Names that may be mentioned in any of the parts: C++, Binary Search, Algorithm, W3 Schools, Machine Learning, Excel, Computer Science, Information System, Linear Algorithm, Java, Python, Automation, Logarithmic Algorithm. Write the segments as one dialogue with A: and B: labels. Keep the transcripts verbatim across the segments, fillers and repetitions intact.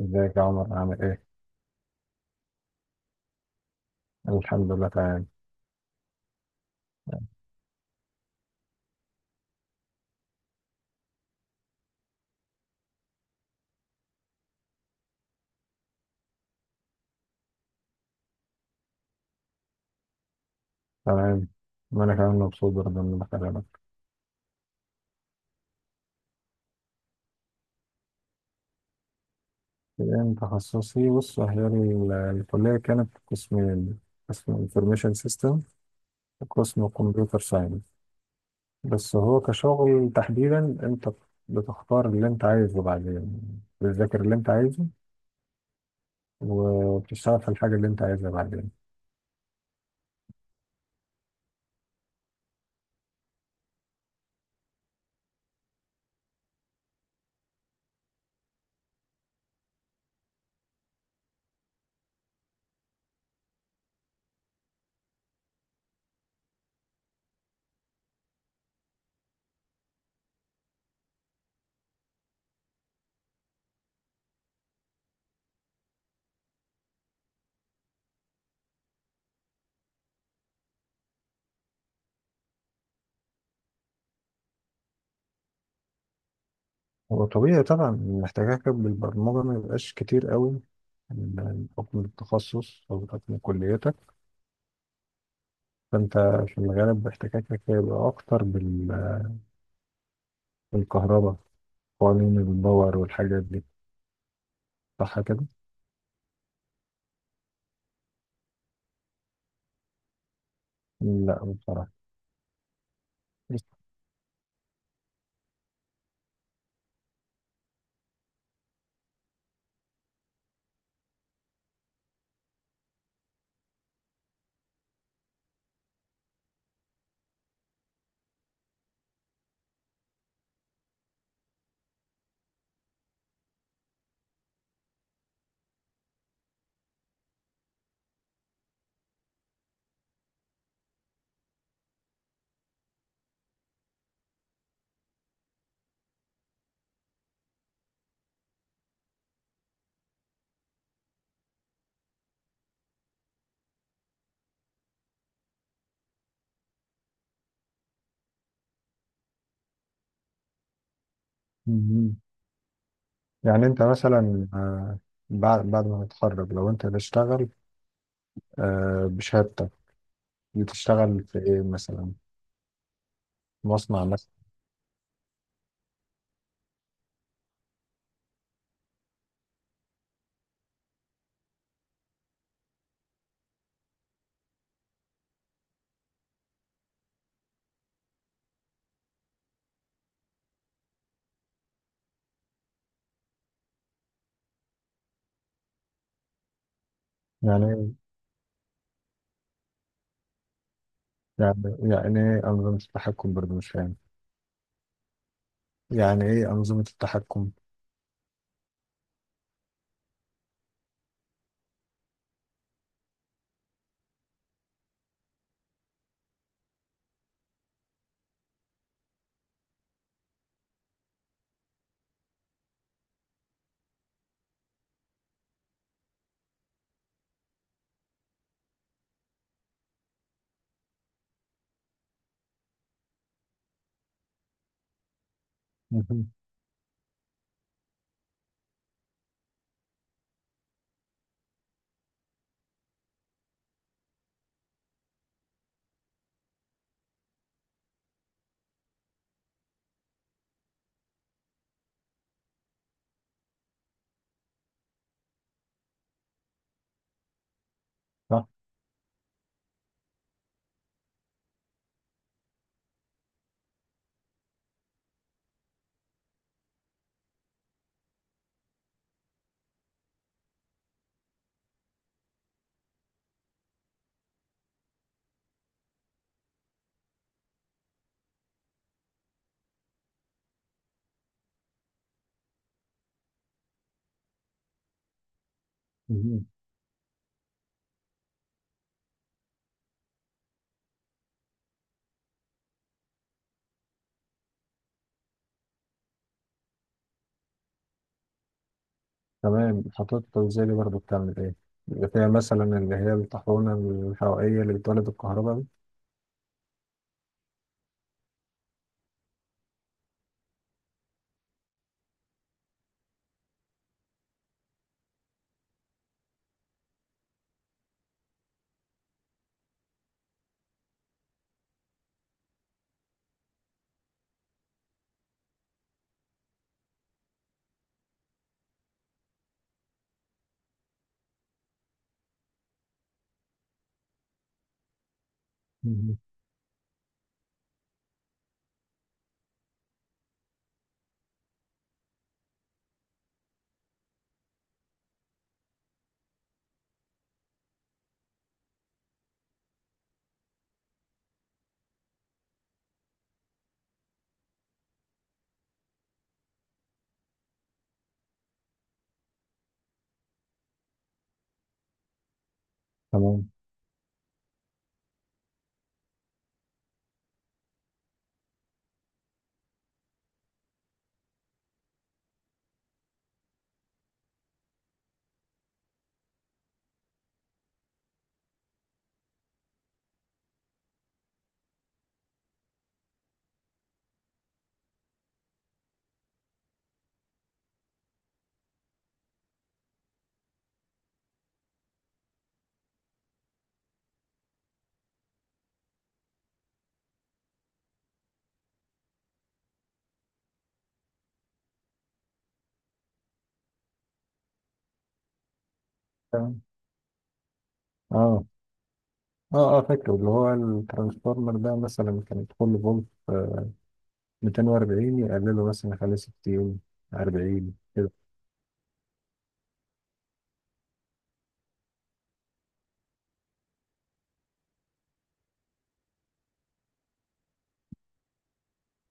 A: ازيك يا عمر، عامل ايه؟ الحمد لله، تمام. تمام. وانا كمان مبسوط برضه اني بكلمك. إيه تخصصي؟ بص، هي ال- الكلية كانت قسمين: قسم انفورميشن سيستم، وقسم كمبيوتر ساينس. بس هو كشغل تحديدا، انت بتختار اللي انت عايزه بعدين، بتذاكر اللي انت عايزه، وبتشتغل في الحاجة اللي انت عايزها بعدين. هو طبيعي طبعا، محتاجك بالبرمجة ما يبقاش كتير قوي بحكم التخصص أو بحكم كليتك. فأنت في الغالب احتكاكك هيبقى أكتر بال- بالكهرباء، قوانين الباور والحاجات دي. صح كده؟ لا، بصراحة. مهم. يعني أنت مثلا، آه، بعد بعد ما تتخرج، لو أنت هتشتغل آه، بشهادتك، بتشتغل في إيه مثلا؟ مصنع مثلا؟ يعني إيه؟ يعني يعني إيه أنظمة التحكم؟ برضه مش فاهم. يعني إيه أنظمة التحكم؟ مهم. صح؟ مهم. تمام. خطوات التوزيع دي برضه بتعمل إيه؟ بيبقى فيها مثلا اللي هي الطاحونة الحرارية اللي بتولد الكهرباء دي؟ مهم. تمام. تمام. آه. آه. آه، فاكره. اللي هو الترانسفورمر ده مثلا، كان كل فولت آه، مئتين وأربعين يقلله مثلا، يخليه ستين، أربعين، كده.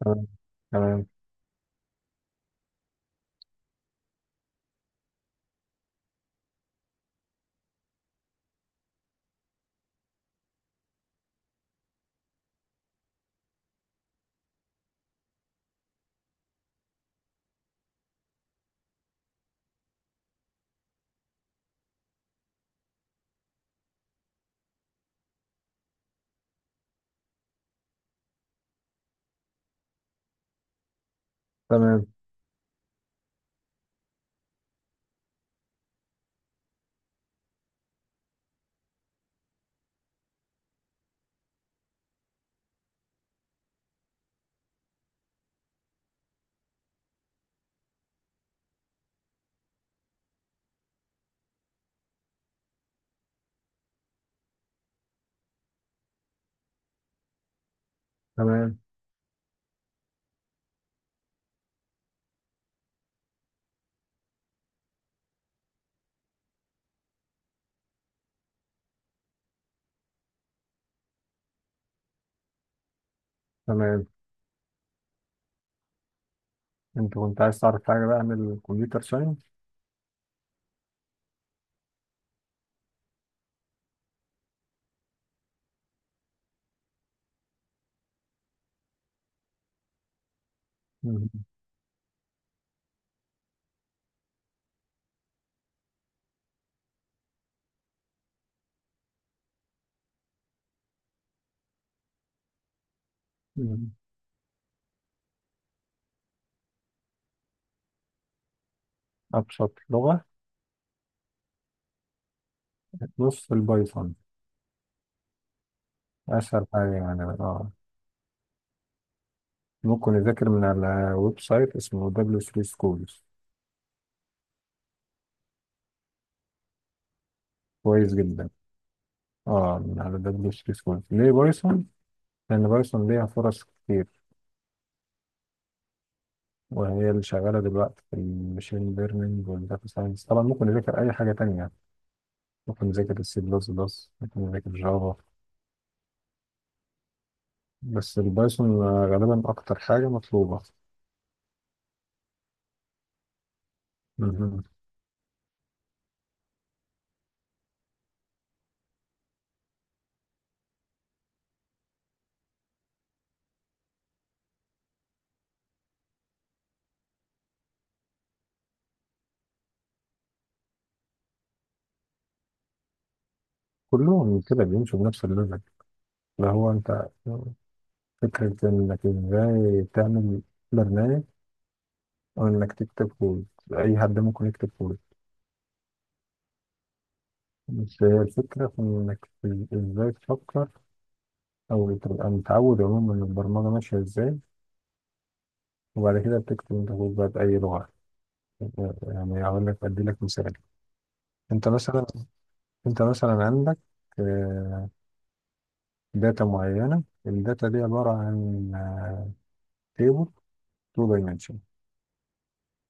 A: تمام. تمام. تمام. تمام. تمام. أنت كنت عايز تعرف حاجة بقى عن الكمبيوتر ساينس؟ مهم. مهم. أبسط لغة، نص البايثون. أسهل حاجة يعني، آه. ممكن يذاكر من على ويب سايت اسمه دبليو ثري سكولز. كويس جدا. اه، من على دبليو ثري سكولز. ليه بايثون؟ لأن بايثون ليها فرص كتير، وهي اللي شغالة دلوقتي في المشين ليرنينج والداتا ساينس. طبعا ممكن يذاكر أي حاجة تانية، ممكن يذاكر السي بلس بلس، ممكن يذاكر جافا، بس البايثون آه، غالبا أكتر حاجة مطلوبة. مهم. كلهم كده بيمشوا بنفس الليفل. اللي هو أنت، فكرة إنك إزاي تعمل برنامج، أو إنك تكتب كود. أي حد ممكن يكتب كود، بس هي الفكرة في إنك ت- إزاي تفكر، أو تبقى متعود عموما إن البرمجة ماشية إزاي. وبعد كده بتكتب أنت كود بقى بأي لغة. يعني أقول لك، أدي لك مثال. أنت مثلا، أنت مثلا عندك آه، داتا معينة. الداتا دي عبارة عن تيبل تو دايمنشن.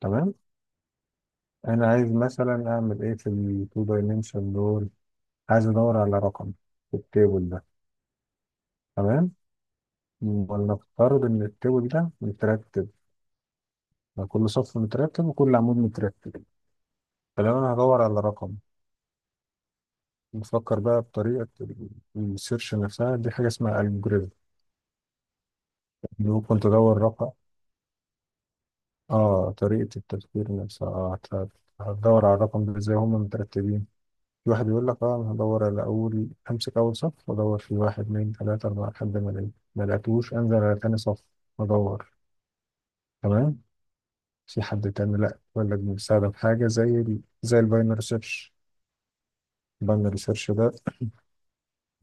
A: تمام. أنا عايز مثلا أعمل إيه في ال اتنين دايمنشن دول؟ عايز أدور على رقم في التيبل ده. تمام. ولنفترض ان التيبل ده مترتب، يعني كل صف مترتب وكل عمود مترتب. فلو انا هدور على رقم، بفكر بقى بطريقه ال- السيرش نفسها. دي حاجه اسمها الجوريزم. ممكن تدور رقم. اه، طريقه التفكير نفسها، اه، هت- هتدور على الرقم ده ازاي، هما مترتبين. في واحد يقول لك اه، انا هدور على اول، امسك اول صف وادور في واحد، اتنين، تلاته، اربعه، لحد ما الاقي. ما لقيتوش، انزل على تاني صف وادور. تمام. في حد تاني لا، يقول لك بنساعدك بحاجة زي ال... زي الباينري سيرش. الباينري سيرش ده،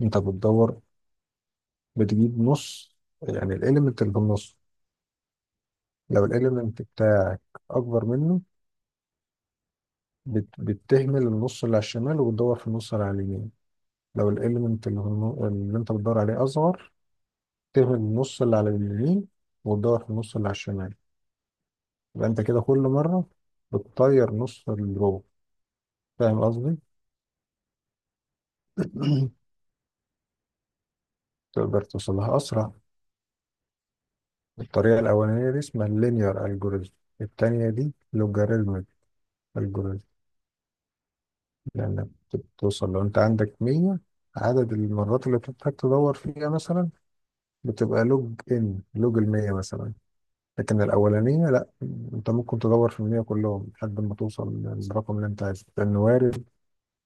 A: انت بتدور، بتجيب نص، يعني الاليمنت اللي بالنص. لو الاليمنت بتاعك اكبر منه، بت... بتهمل النص اللي على الشمال، وبتدور في النص اللي على اليمين. لو الاليمنت اللي, بالن- اللي انت بتدور عليه اصغر، تهمل النص اللي على اليمين، وتدور في النص اللي على الشمال. يبقى انت كده كل مرة بتطير نص الرو. فاهم قصدي؟ تقدر توصلها أسرع. الطريقة الأولانية دي اسمها اللينير الجوريزم. التانية دي لوجاريتمك الجوريزم. لأنك بتوصل، لو أنت عندك مية، عدد المرات اللي بتحتاج تدور فيها مثلا بتبقى لوج، إن لوج المية مثلا. لكن الأولانية لأ، أنت ممكن تدور في المية كلهم لحد ما توصل للرقم اللي أنت عايزه، لأنه وارد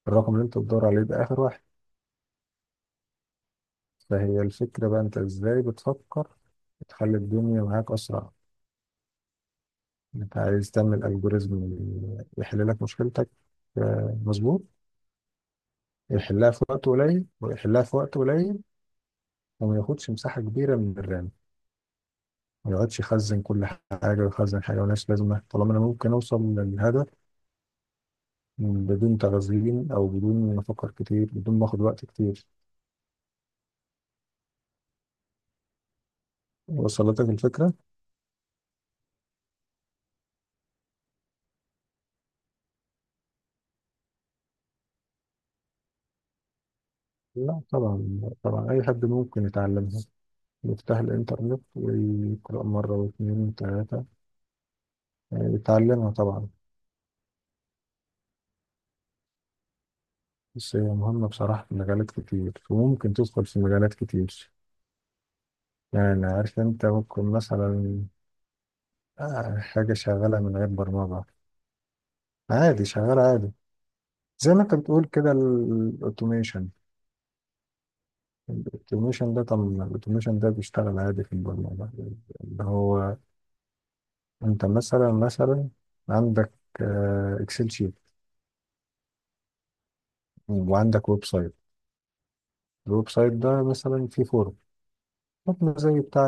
A: الرقم اللي أنت بتدور عليه ده آخر واحد. فهي الفكرة بقى، أنت إزاي بتفكر تخلي الدنيا معاك أسرع. انت عايز تعمل الجوريزم يحل لك مشكلتك. آه، مظبوط. يحلها في وقت قليل، ويحلها في وقت قليل، وما ياخدش مساحه كبيره من الرام، ما يقعدش يخزن كل حاجه، ويخزن حاجه ملهاش لازمه، طالما انا ممكن اوصل للهدف بدون تخزين، او بدون ما افكر كتير، بدون ما اخد وقت كتير. وصلتك الفكره؟ لا طبعا، طبعا، اي حد ممكن يتعلمها. يفتح الانترنت ويقرا مره واثنين وثلاثه، آه، يتعلمها طبعا. بس هي مهمة بصراحة في مجالات كتير، وممكن تدخل في مجالات كتير. يعني عارف، انت ممكن مثلا آه، حاجة شغالة من غير برمجة، عادي، شغالة عادي. زي ما انت بتقول كده، الاوتوميشن. الاوتوميشن ده، طب الاوتوميشن ده بيشتغل عادي في البرمجة. اللي هو، انت مثلا مثلا عندك اكسل شيت، وعندك ويب سايت. الويب سايت ده مثلا فيه فورم، حطنا زي بتاع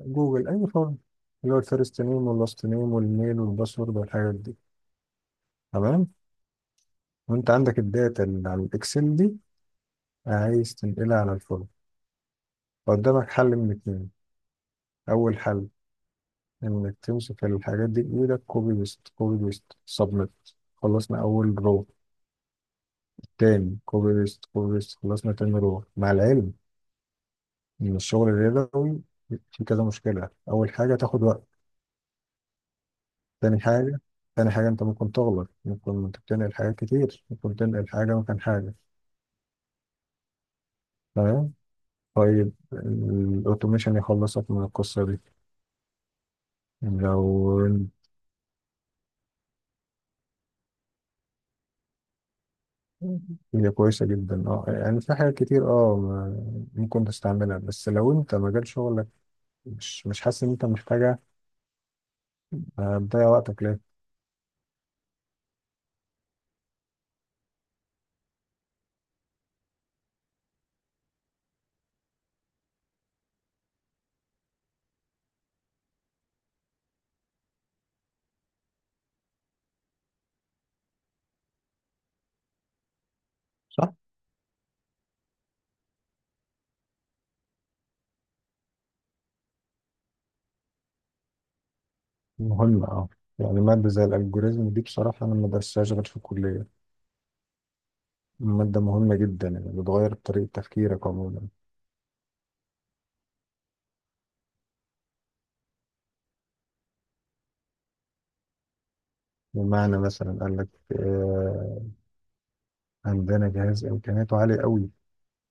A: جوجل، أي فورم، اللي هو الفيرست نيم واللاست نيم والميل والباسورد والحاجات دي. تمام. وأنت عندك الداتا اللي على الإكسل دي، عايز تنقلها على الفورم. فقدامك حل من اتنين: أول حل، إنك تمسك الحاجات دي بإيدك، كوبي بيست، كوبي بيست، سبميت. خلصنا أول رو. تاني، كوبي بيست، كوبي بيست، خلصنا تاني رو. مع العلم إن الشغل اليدوي فيه كذا مشكلة. أول حاجة، تاخد وقت. تاني حاجة، تاني حاجة أنت ممكن تغلط، ممكن تنقل حاجات كتير، ممكن تنقل حاجة مكان حاجة. تمام. طيب، الأوتوميشن يخلصك من القصة دي. لو. هي كويسة جدا، اه، يعني في حاجات كتير، اه، ما- ممكن تستعملها، بس لو أنت مجال شغلك مش مش حاسس إن أنت محتاجها، آه، تضيع وقتك ليه؟ صح؟ مهمة، اه. يعني مادة زي الألجوريزم دي بصراحة أنا ما درستهاش غير في الكلية. مادة مهمة جدا، يعني بتغير طريقة تفكيرك عموما. بمعنى، مثلا قال لك آه، عندنا جهاز امكانياته عاليه قوي،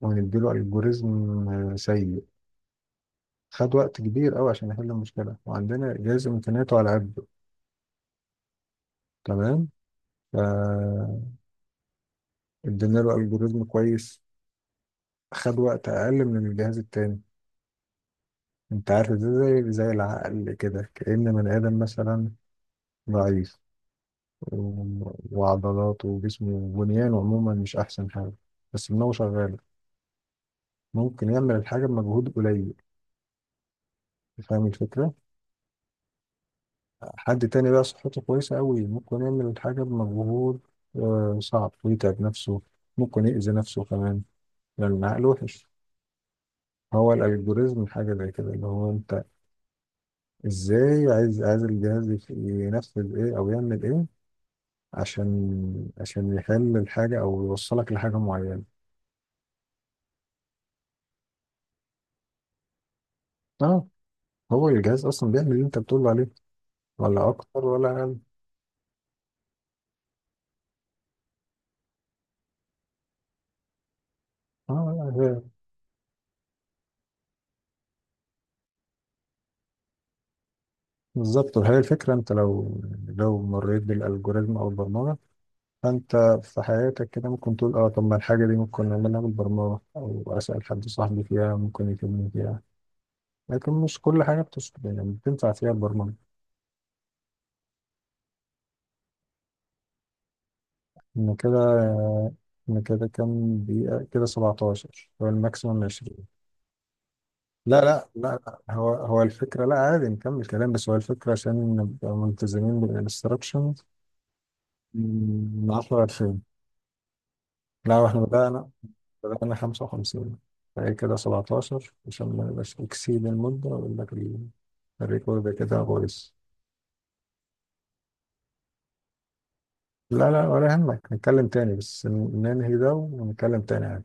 A: وهنديله الجوريزم آه، سيء، خد وقت كبير قوي عشان يحل المشكله. وعندنا جهاز امكانياته على قده، تمام، فادينا له الجوريزم كويس، خد وقت اقل من الجهاز التاني. انت عارف ده زي، زي العقل كده، كأن بني ادم مثلا ضعيف، و- وعضلاته وجسمه وبنيانه عموما مش احسن حاجه، بس دماغه شغاله، ممكن يعمل الحاجه بمجهود قليل. فاهم الفكره؟ حد تاني بقى صحته كويسة أوي، ممكن يعمل الحاجة بمجهود آه، صعب، ويتعب نفسه، ممكن يأذي نفسه كمان، لأن العقل وحش. هو الألجوريزم حاجة زي كده، اللي هو أنت إزاي عايز، عايز الجهاز يف- ينفذ إيه، أو يعمل إيه، عشان عشان يحل الحاجة، أو يوصلك لحاجة معينة. أه. هو الجهاز أصلا بيعمل اللي أنت بتقول عليه، ولا أكتر ولا أقل. أه، هي بالظبط. وهي الفكرة، أنت لو، لو مريت بالألجوريزم أو البرمجة، فانت في حياتك كده ممكن تقول، اه، طب ما الحاجه دي ممكن نعملها بالبرمجه، او اسال حد صاحبي فيها ممكن يفيدني فيها. لكن مش كل حاجه بتص... يعني بتنفع فيها البرمجه. ان كده، ان كده كام دقيقه كده، سبعتاشر هو الماكسيموم، عشرين. لا لا لا لا، هو، هو الفكره، لا، عادي نكمل كلام، بس هو الفكره عشان نبقى ملتزمين بالانستراكشنز. من عشرة ل عشرين. لا، احنا بدأنا انا خمسة وخمسين، فهي كده سبعتاشر، عشان ما نبقاش اكسيد المدة. اقول لك ال- الريكورد كده بايظ. لا لا، ولا يهمك، نتكلم تاني، بس ن- ننهي ده ونتكلم تاني.